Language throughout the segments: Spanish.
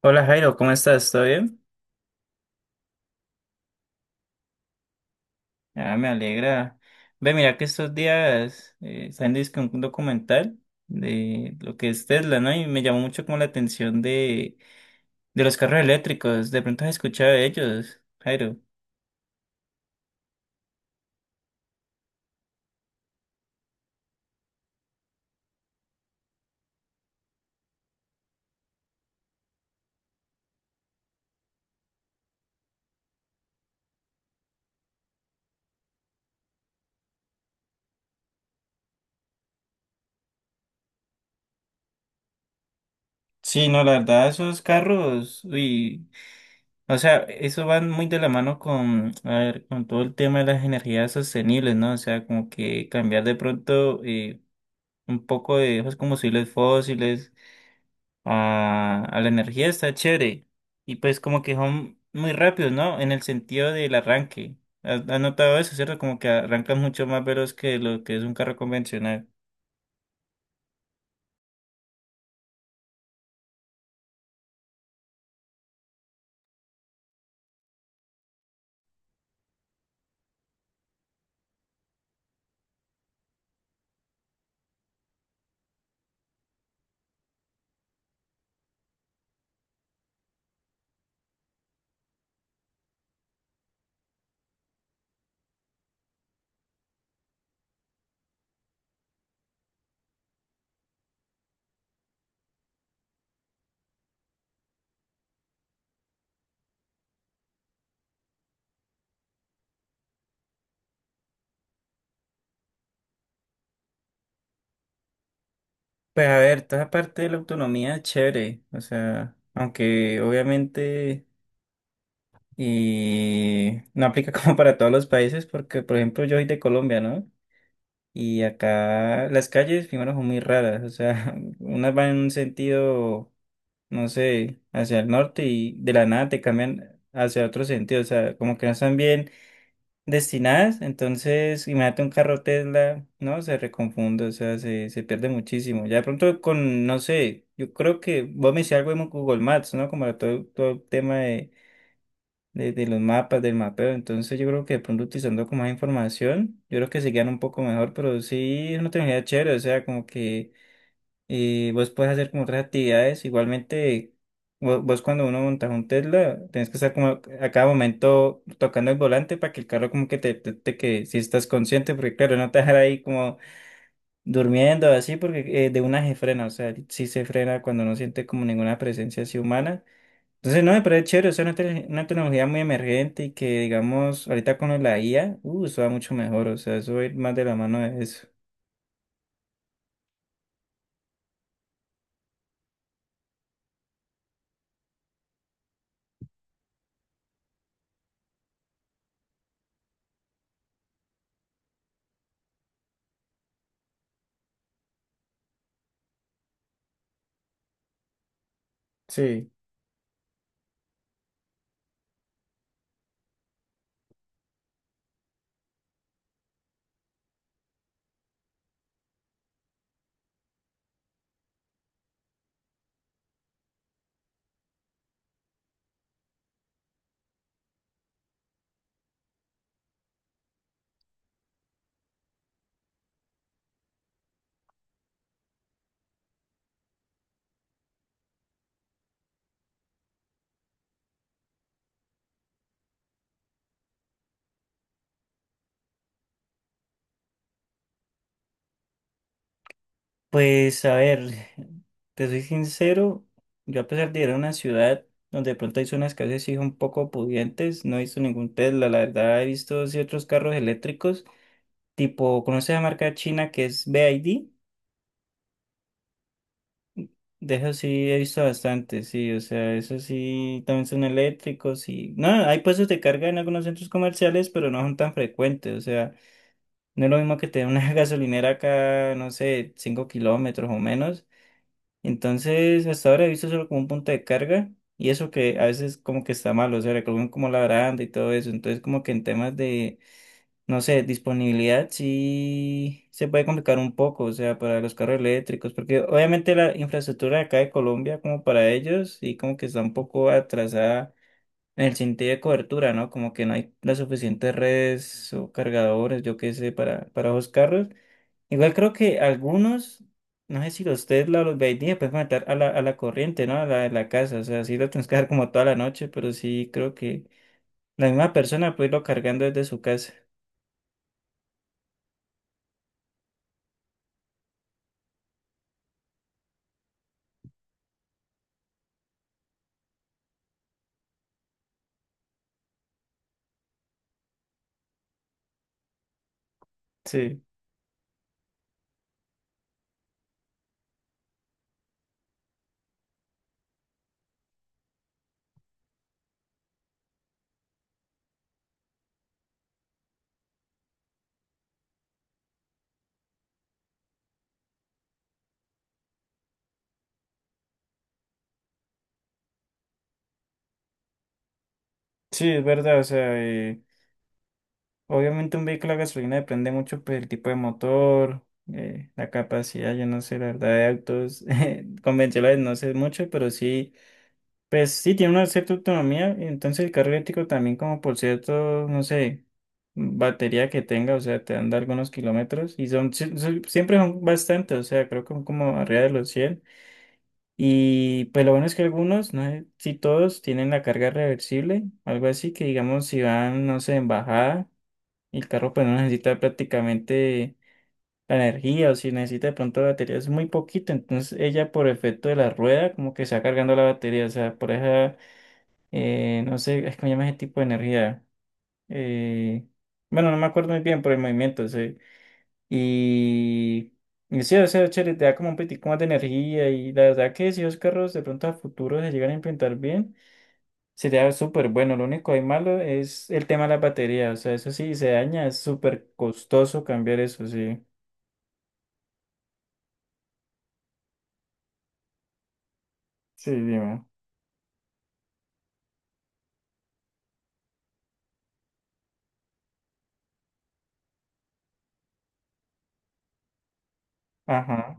Hola Jairo, ¿cómo estás? ¿Todo bien? Ah, me alegra. Ve, mira que estos días salió dizque un documental de lo que es Tesla, ¿no? Y me llamó mucho como la atención de los carros eléctricos. De pronto has escuchado de ellos, Jairo. Sí, no, la verdad, esos carros, uy, o sea, eso van muy de la mano con, a ver, con todo el tema de las energías sostenibles, ¿no? O sea, como que cambiar de pronto un poco de esos combustibles fósiles a la energía está chévere. Y pues como que son muy rápidos, ¿no? En el sentido del arranque. ¿Has notado eso, cierto? Como que arrancan mucho más veloz que lo que es un carro convencional. Pues a ver, toda parte de la autonomía es chévere. O sea, aunque obviamente y no aplica como para todos los países, porque por ejemplo yo soy de Colombia, ¿no? Y acá las calles primero son muy raras. O sea, unas van en un sentido no sé, hacia el norte y de la nada te cambian hacia otro sentido, o sea, como que no están bien destinadas, entonces imagínate un carro Tesla, ¿no? Se reconfunde, o sea, se pierde muchísimo. Ya de pronto con, no sé, yo creo que vos me decías algo en Google Maps, ¿no? Como todo, todo el tema de los mapas, del mapeo, entonces yo creo que de pronto utilizando como más información, yo creo que se quedan un poco mejor, pero sí es una tecnología chévere, o sea, como que y vos puedes hacer como otras actividades. Igualmente, vos, cuando uno monta un Tesla, tenés que estar como a cada momento tocando el volante para que el carro como que te que si estás consciente, porque claro, no te dejar ahí como durmiendo así, porque de una se frena, o sea, sí se frena cuando no siente como ninguna presencia así humana. Entonces, no, pero es chévere, o sea, una, una tecnología muy emergente y que, digamos, ahorita con la IA, eso va mucho mejor, o sea, eso va a ir más de la mano de eso. Sí. Pues a ver, te soy sincero, yo a pesar de ir a una ciudad donde de pronto hay zonas que a veces sí son un poco pudientes, no he visto ningún Tesla, la verdad he visto ciertos carros eléctricos, tipo, ¿conoces la marca china que es BYD? De eso sí he visto bastante, sí, o sea, eso sí también son eléctricos y... No, hay puestos de carga en algunos centros comerciales, pero no son tan frecuentes, o sea, no es lo mismo que tener una gasolinera acá, no sé, 5 kilómetros o menos. Entonces, hasta ahora he visto solo como un punto de carga y eso que a veces como que está malo, o sea, recogen como la baranda y todo eso. Entonces, como que en temas de, no sé, disponibilidad sí se puede complicar un poco, o sea, para los carros eléctricos, porque obviamente la infraestructura de acá de Colombia como para ellos sí como que está un poco atrasada en el sentido de cobertura, ¿no? Como que no hay las suficientes redes o cargadores, yo qué sé, para esos carros. Igual creo que algunos, no sé si los Tesla o los BYD pueden conectar a la corriente, ¿no? A la de la casa. O sea, sí lo tienes que dejar como toda la noche, pero sí creo que la misma persona puede irlo cargando desde su casa. Sí, sí, es verdad. O sea, obviamente un vehículo a gasolina depende mucho, pues, del tipo de motor, la capacidad, yo no sé, la verdad, de autos convencionales no sé mucho, pero sí. Pues sí, tiene una cierta autonomía, entonces el carro eléctrico también como por cierto, no sé, batería que tenga, o sea, te anda algunos kilómetros y son, siempre son bastantes, o sea, creo que son como arriba de los 100. Y pues lo bueno es que algunos, no sé si todos, tienen la carga reversible, algo así que digamos si van, no sé, en bajada, y el carro pues no necesita prácticamente la energía o si necesita de pronto batería es muy poquito, entonces ella por efecto de la rueda como que está cargando la batería, o sea, por eso no sé, es que me llama ese tipo de energía. Eh, bueno, no me acuerdo muy bien por el movimiento. Sí. Y, y sí, o sea, chévere, te da como un poquitico más de energía. Y la verdad que si los carros de pronto a futuro se llegan a implementar bien, sería súper bueno. Lo único ahí malo es el tema de la batería. O sea, eso sí, se daña, es súper costoso cambiar eso, sí. Sí, dime. Ajá.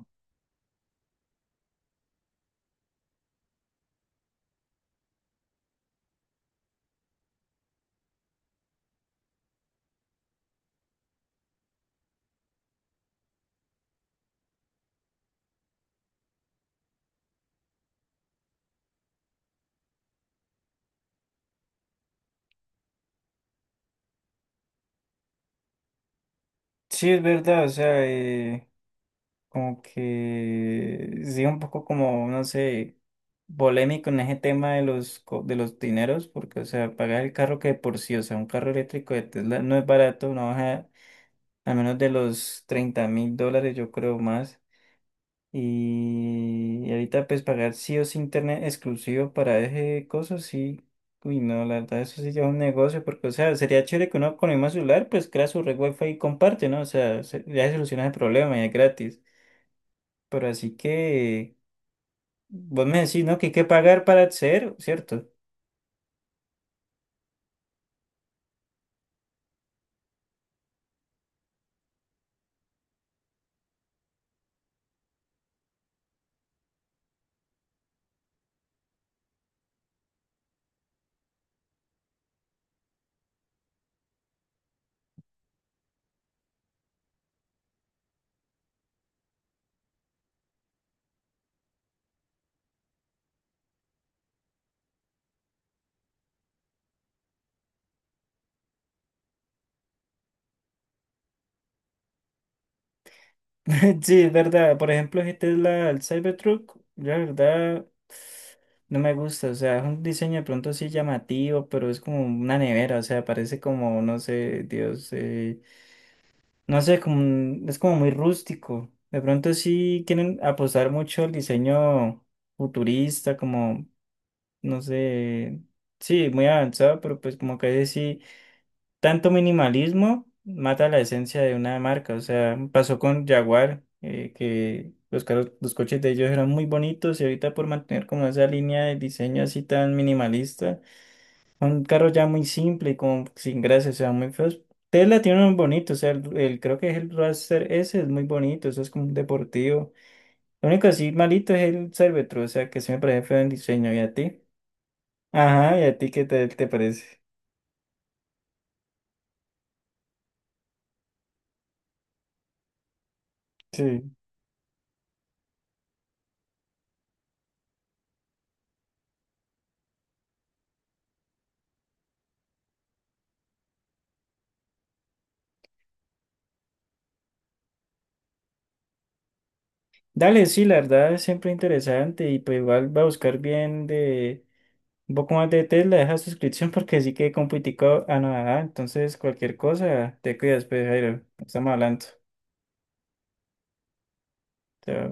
Sí, es verdad, o sea, como que sí, un poco como, no sé, polémico en ese tema de los, de los dineros, porque, o sea, pagar el carro que de por sí, o sea, un carro eléctrico de Tesla no es barato, no baja a menos de los $30.000, yo creo más. Y ahorita, pues, pagar sí o sí internet exclusivo para ese coso, sí. Uy, no, la verdad, eso sí ya es un negocio, porque, o sea, sería chévere que uno con el mismo celular, pues, crea su red wifi y comparte, ¿no? O sea, ya se soluciona el problema y es gratis. Pero así que vos me decís, ¿no? Que hay que pagar para acceder, ¿cierto? Sí, es verdad. Por ejemplo, esta es la el Cybertruck. La verdad, no me gusta. O sea, es un diseño de pronto sí llamativo, pero es como una nevera. O sea, parece como, no sé, Dios, no sé, como, es como muy rústico. De pronto sí quieren apostar mucho al diseño futurista, como, no sé, sí, muy avanzado, pero pues como que ahí sí. Tanto minimalismo mata la esencia de una marca. O sea, pasó con Jaguar, que los carros, los coches de ellos eran muy bonitos y ahorita por mantener como esa línea de diseño así tan minimalista, un carro ya muy simple y como sin gracia, o sea, muy feos. Tesla tiene unos bonitos, o sea, creo que es el Roadster S, es muy bonito, eso es como un deportivo. Lo único así malito es el Cervetro, o sea, que sí me parece feo en diseño. ¿Y a ti? Ajá, ¿y a ti qué te parece? Sí. Dale, sí, la verdad es siempre interesante y pues igual va a buscar bien de un poco más de Tesla, deja suscripción porque sí que compitico a nada, entonces cualquier cosa, te cuidas, pues Jairo, estamos hablando. Chao.